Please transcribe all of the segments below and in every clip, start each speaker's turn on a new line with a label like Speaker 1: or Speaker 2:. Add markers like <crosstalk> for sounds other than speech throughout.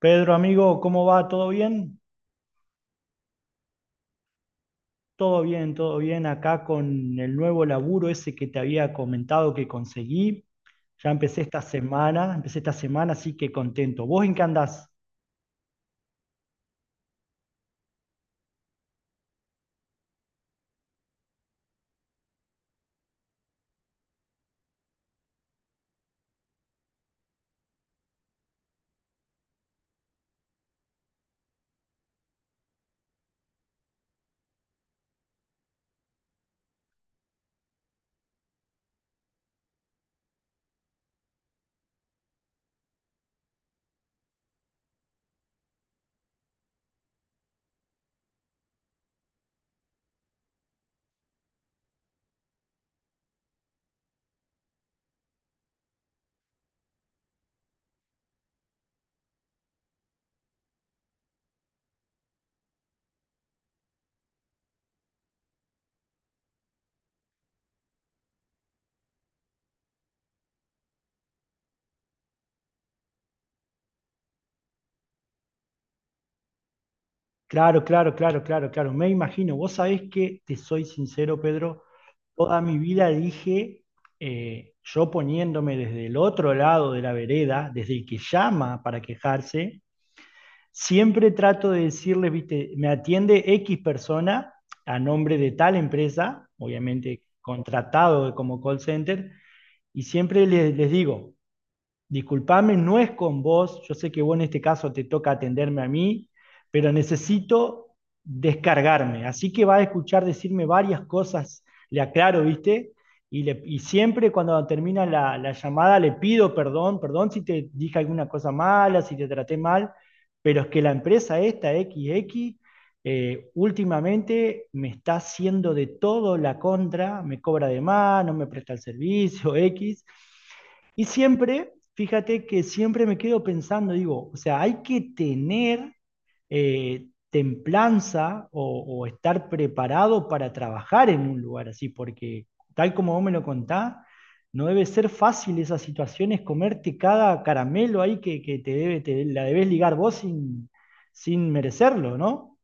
Speaker 1: Pedro, amigo, ¿cómo va? ¿Todo bien? Todo bien, todo bien. Acá con el nuevo laburo ese que te había comentado que conseguí. Ya empecé esta semana, así que contento. ¿Vos en qué andás? Claro, claro, claro, claro, claro. Me imagino. Vos sabés que, te soy sincero, Pedro, toda mi vida dije, yo poniéndome desde el otro lado de la vereda, desde el que llama para quejarse, siempre trato de decirles, viste, me atiende X persona a nombre de tal empresa, obviamente contratado como call center, y siempre les digo, disculpame, no es con vos. Yo sé que vos en este caso te toca atenderme a mí, pero necesito descargarme. Así que va a escuchar decirme varias cosas, le aclaro, ¿viste? Y, y siempre cuando termina la llamada le pido perdón, perdón si te dije alguna cosa mala, si te traté mal, pero es que la empresa esta, XX, últimamente me está haciendo de todo la contra, me cobra de más, no me presta el servicio, X. Y siempre, fíjate que siempre me quedo pensando, digo, o sea, hay que tener templanza o estar preparado para trabajar en un lugar así, porque tal como vos me lo contás, no debe ser fácil esas situaciones, comerte cada caramelo ahí que te debe, te, la debes ligar vos sin, sin merecerlo, ¿no?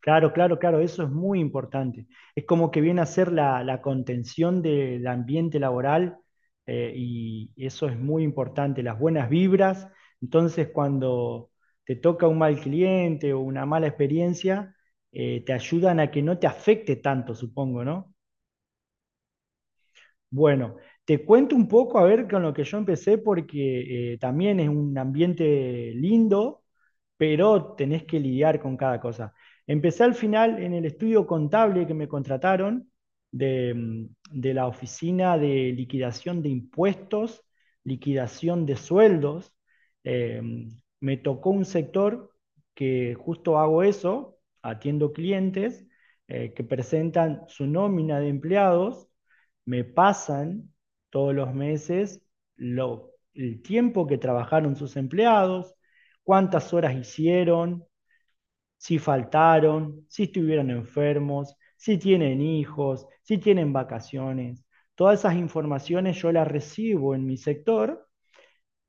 Speaker 1: Claro, claro, claro, eso es muy importante. Es como que viene a ser la contención del ambiente laboral y eso es muy importante, las buenas vibras. Entonces, cuando te toca un mal cliente o una mala experiencia, te ayudan a que no te afecte tanto, supongo, ¿no? Bueno, te cuento un poco a ver con lo que yo empecé porque también es un ambiente lindo, pero tenés que lidiar con cada cosa. Empecé al final en el estudio contable que me contrataron de, de la oficina de liquidación de impuestos, liquidación de sueldos. Eh, me tocó un sector que justo hago eso, atiendo clientes que presentan su nómina de empleados me pasan todos los meses el tiempo que trabajaron sus empleados, cuántas horas hicieron, si faltaron, si estuvieron enfermos, si tienen hijos, si tienen vacaciones. Todas esas informaciones yo las recibo en mi sector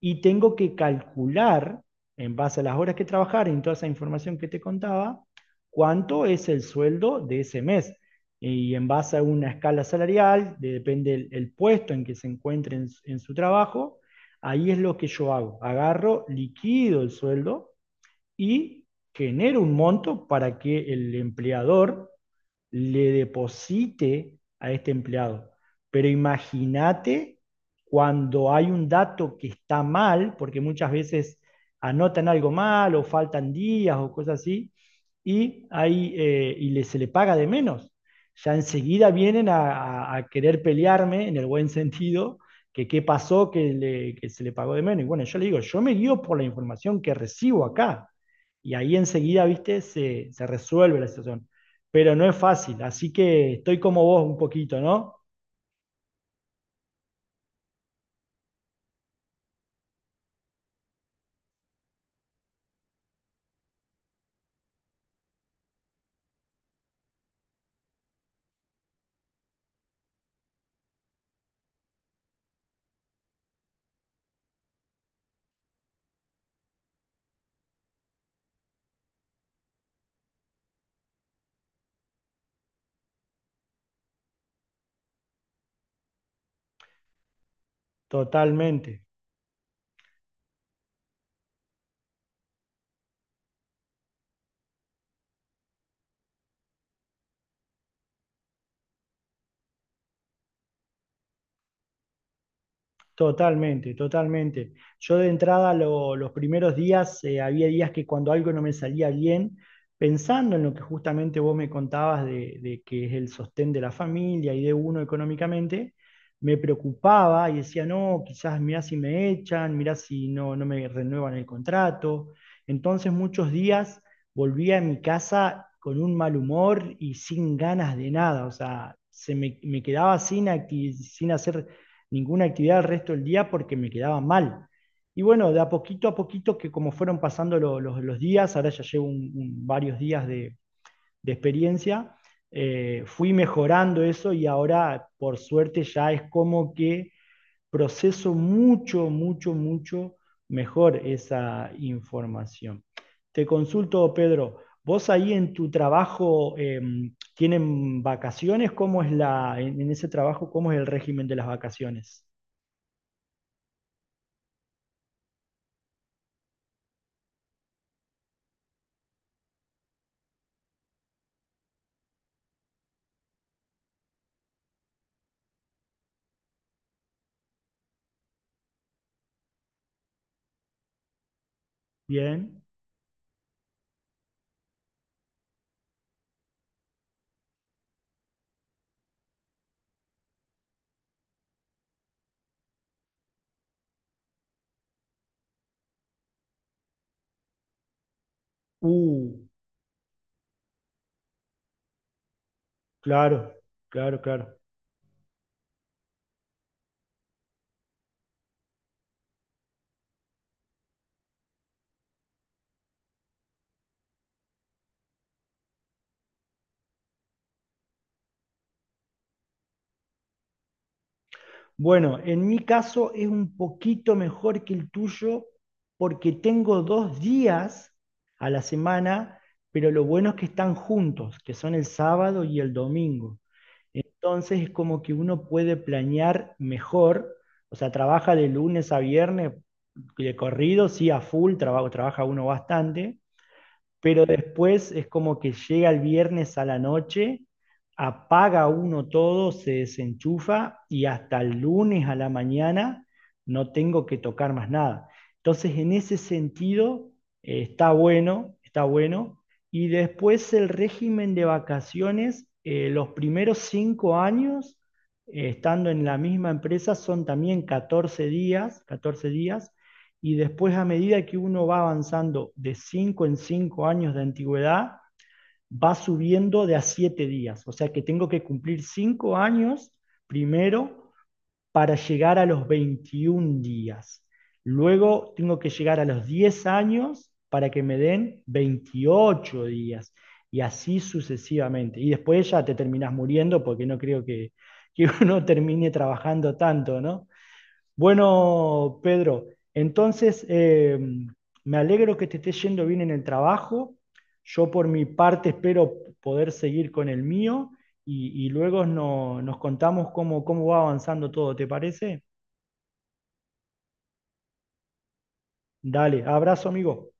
Speaker 1: y tengo que calcular, en base a las horas que trabajaré, en toda esa información que te contaba, cuánto es el sueldo de ese mes. Y en base a una escala salarial, depende el puesto en que se encuentre en, en su trabajo, ahí es lo que yo hago. Agarro, liquido el sueldo y genera un monto para que el empleador le deposite a este empleado. Pero imagínate cuando hay un dato que está mal, porque muchas veces anotan algo mal o faltan días o cosas así, y, hay, y se le paga de menos. Ya enseguida vienen a, querer pelearme en el buen sentido, que qué pasó que, que se le pagó de menos. Y bueno, yo le digo, yo me guío por la información que recibo acá y ahí enseguida, viste, se resuelve la situación. Pero no es fácil, así que estoy como vos un poquito, ¿no? Totalmente. Totalmente, totalmente. Yo de entrada los primeros días, había días que cuando algo no me salía bien, pensando en lo que justamente vos me contabas de que es el sostén de la familia y de uno económicamente, me preocupaba y decía, no, quizás mirá si me echan, mirá si no, no me renuevan el contrato. Entonces muchos días volvía a mi casa con un mal humor y sin ganas de nada, o sea, se me, me quedaba sin hacer ninguna actividad el resto del día porque me quedaba mal. Y bueno, de a poquito, que como fueron pasando los días, ahora ya llevo varios días de experiencia, fui mejorando eso y ahora, por suerte, ya es como que proceso mucho, mucho, mucho mejor esa información. Te consulto, Pedro, vos ahí en tu trabajo, ¿tienen vacaciones? ¿Cómo es la, en ese trabajo, cómo es el régimen de las vacaciones? Bien. Uh, claro, claro, claro. Bueno, en mi caso es un poquito mejor que el tuyo porque tengo 2 días a la semana, pero lo bueno es que están juntos, que son el sábado y el domingo. Entonces es como que uno puede planear mejor, o sea, trabaja de lunes a viernes de corrido, sí, a full, trabajo, trabaja uno bastante, pero después es como que llega el viernes a la noche, apaga uno todo, se desenchufa y hasta el lunes a la mañana no tengo que tocar más nada. Entonces, en ese sentido, está bueno, está bueno. Y después el régimen de vacaciones, los primeros 5 años, estando en la misma empresa, son también 14 días, 14 días, y después a medida que uno va avanzando de 5 en 5 años de antigüedad, va subiendo de a 7 días. O sea que tengo que cumplir 5 años primero para llegar a los 21 días. Luego tengo que llegar a los 10 años para que me den 28 días. Y así sucesivamente. Y después ya te terminás muriendo porque no creo que <laughs> uno termine trabajando tanto, ¿no? Bueno, Pedro, entonces me alegro que te esté yendo bien en el trabajo. Yo por mi parte espero poder seguir con el mío y luego nos contamos cómo, cómo va avanzando todo, ¿te parece? Dale, abrazo, amigo.